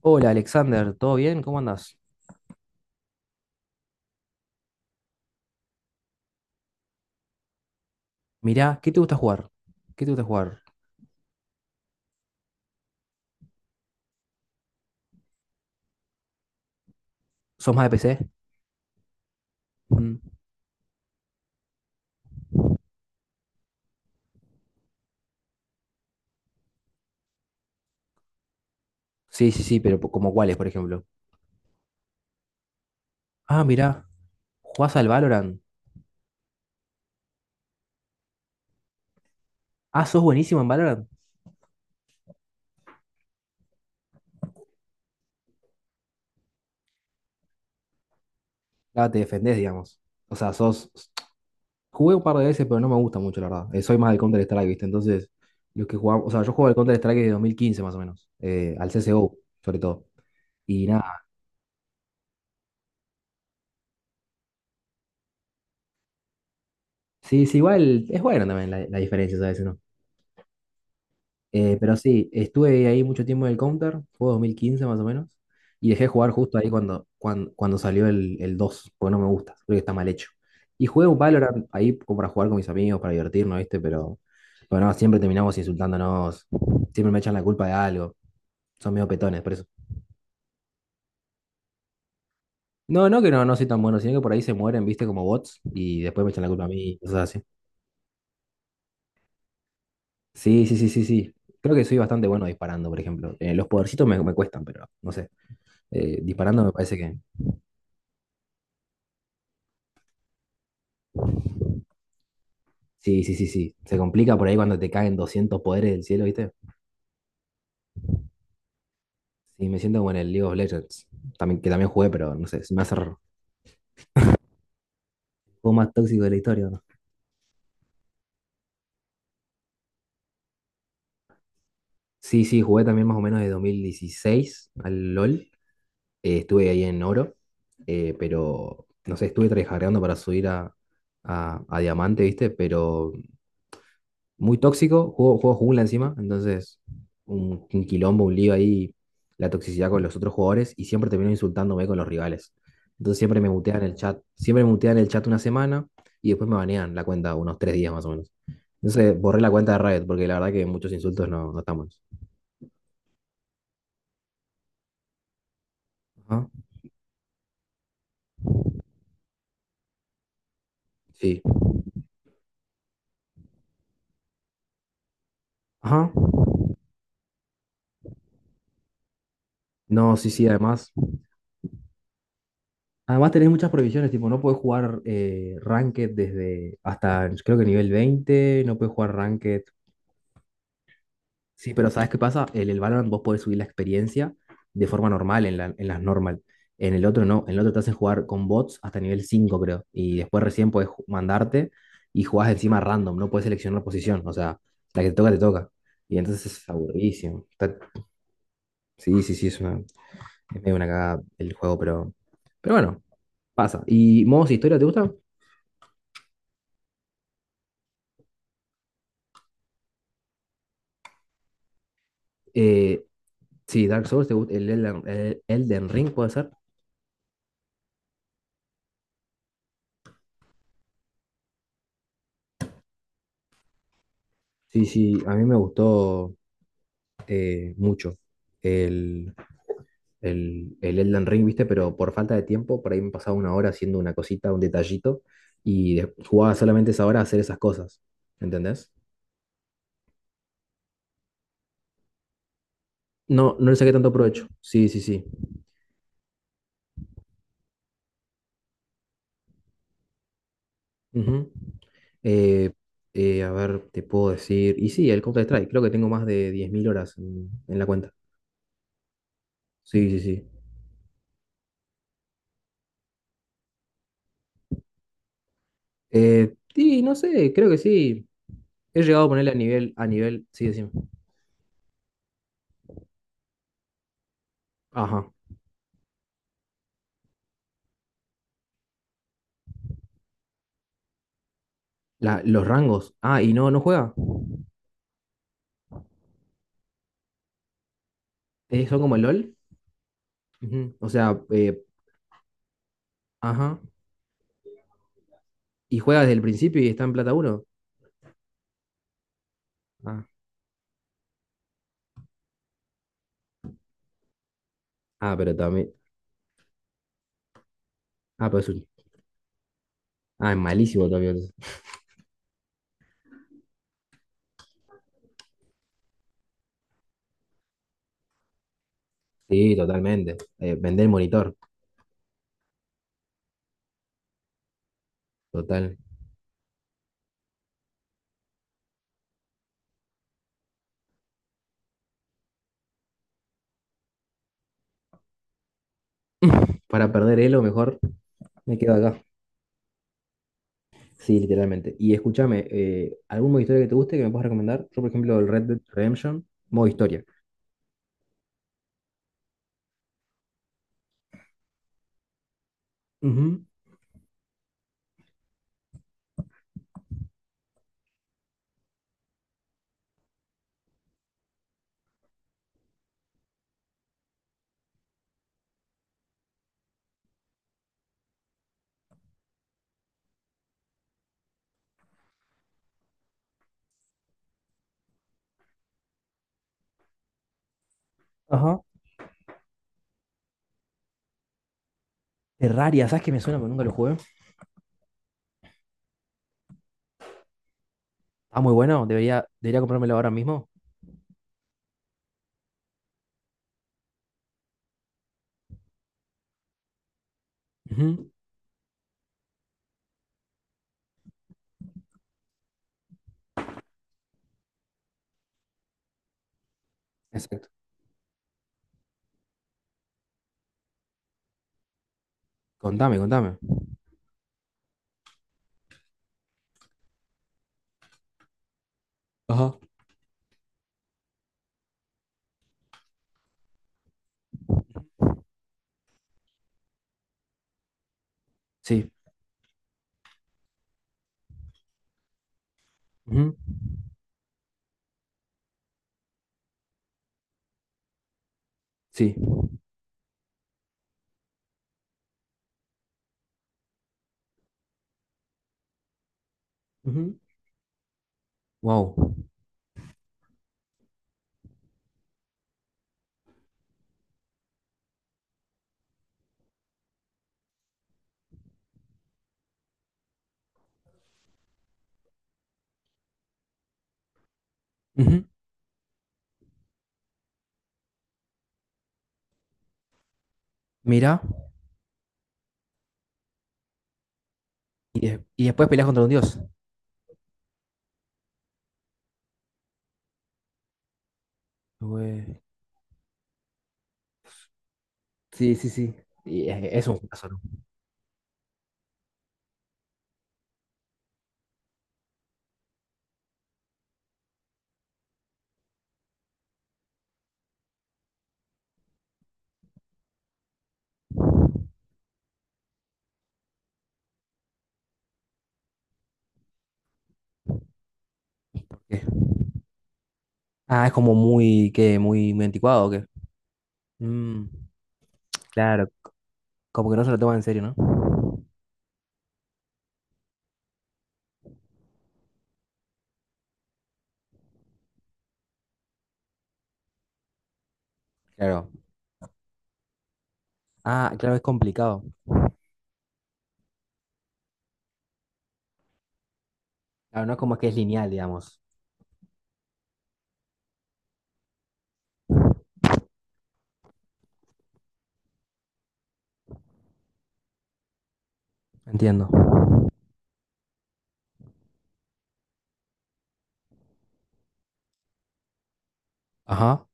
Hola Alexander, ¿todo bien? ¿Cómo andas? Mirá, ¿qué te gusta jugar? ¿Qué te gusta jugar? ¿Sos más de PC? Mm. Sí, sí, sí, pero como cuáles, por ejemplo. Ah, mirá, ¿jugás al Valorant? Ah, sos buenísimo en Valorant. Ah, te defendés, digamos. O sea, sos... Jugué un par de veces, pero no me gusta mucho, la verdad. Soy más de Counter-Strike, ¿viste? Entonces, los que jugamos... O sea, yo juego al Counter-Strike desde 2015, más o menos, al CSGO, sobre todo. Y nada. Sí, sí, igual es bueno también la diferencia, ¿sabes? Pero sí, estuve ahí mucho tiempo en el Counter, fue 2015 más o menos, y dejé de jugar justo ahí cuando salió el 2 porque no me gusta, creo que está mal hecho. Y jugué un Valorant ahí como para jugar con mis amigos, para divertirnos, ¿viste? Pero no, siempre terminamos insultándonos, siempre me echan la culpa de algo, son medio petones, por eso. No, no que no, no soy tan bueno, sino que por ahí se mueren, ¿viste? Como bots, y después me echan la culpa a mí, cosas así. Sí, sí, sí, sí, sí. Creo que soy bastante bueno disparando, por ejemplo. Los podercitos me cuestan, pero no sé. Disparando me parece que. Sí, sí, sí, sí. Se complica por ahí cuando te caen 200 poderes del cielo, ¿viste? Sí, me siento como en el League of Legends, también, que también jugué, pero no sé, se me hace raro. Juego más tóxico de la historia, ¿no? Sí, sí, jugué también más o menos de 2016 al LOL, estuve ahí en oro, pero no sé, estuve tryhardeando para subir a, a diamante, ¿viste? Pero muy tóxico, juego jungla encima, entonces un quilombo, un lío ahí, la toxicidad con los otros jugadores y siempre termino insultándome con los rivales. Entonces siempre me mutean el chat, siempre me mutean el chat una semana y después me banean la cuenta unos 3 días más o menos. Entonces borré la cuenta de Riot porque la verdad que muchos insultos no, no están buenos. Ajá, sí. Ajá. No, sí, sí, además. Además tenés muchas prohibiciones, tipo, no puedes jugar Ranked, desde hasta creo que nivel 20 no puedes jugar Ranked. Sí, pero ¿sabes qué pasa? En el Valorant vos podés subir la experiencia de forma normal, en en las normal. En el otro no, en el otro te hacen jugar con bots hasta nivel 5 creo. Y después recién podés mandarte y jugás encima random, no podés seleccionar posición. O sea, la que te toca, te toca. Y entonces es aburridísimo. Sí, sí, sí, es medio una cagada el juego, pero bueno, pasa. ¿Y modos de historia te gusta? Eh, sí, Dark Souls, te gusta, el Elden Ring puede ser. Sí, sí, a mí me gustó mucho el, el Elden Ring, ¿viste? Pero por falta de tiempo, por ahí me pasaba una hora haciendo una cosita, un detallito, y jugaba solamente esa hora a hacer esas cosas, ¿entendés? No, no le saqué tanto provecho. Sí, sí, sí. Ujú. Eh, a ver, te puedo decir. Y sí, el Counter-Strike, creo que tengo más de 10.000 horas en la cuenta. Sí, sí, sí. Sí, no sé, creo que sí. He llegado a ponerle a nivel, sí, decime. Ajá. Los rangos. Ah, y no, no juega. Son como el LOL. Ujú. O sea, ajá. Y juega desde el principio y está en plata uno. Ah. Ah, pero también. Ah, pero es. Ah, es malísimo todavía. Sí, totalmente. Vender el monitor. Total. Para perder elo, mejor me quedo acá. Sí, literalmente. Y escúchame, ¿algún modo historia que te guste que me puedas recomendar? Yo, por ejemplo, el Red Dead Redemption, modo historia. Ujú. Ajá. Terraria, ¿sabes qué me suena? Pero nunca lo jugué. Ah, muy bueno. Debería comprármelo ahora mismo. Ujú. Exacto. Contame, contame. Ajá. Sí. Ujú. Sí. Wow. Mira. Y después peleas contra un dios. Güey. Sí, sí, sí. Y es un caso, ¿no? Porque- Ah, es como que muy, muy anticuado, ¿o qué? Mm, claro. Como que no se lo toman en serio, ¿no? Claro. Ah, claro, es complicado. Claro, no es como que es lineal, digamos. Entiendo. Ajá.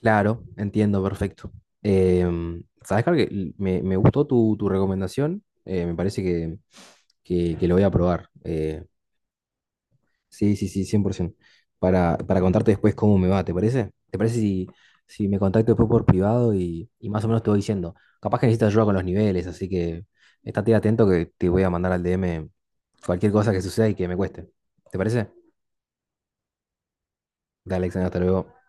Claro, entiendo, perfecto. ¿Sabes, Carl? Me gustó tu recomendación. Me parece que, que lo voy a probar. Sí, sí, sí, 100%. Para contarte después cómo me va, ¿te parece? ¿Te parece si me contacto después por privado y más o menos te voy diciendo? Capaz que necesitas ayuda con los niveles, así que estate atento que te voy a mandar al DM cualquier cosa que suceda y que me cueste. ¿Te parece? Dale, Alexander, hasta luego.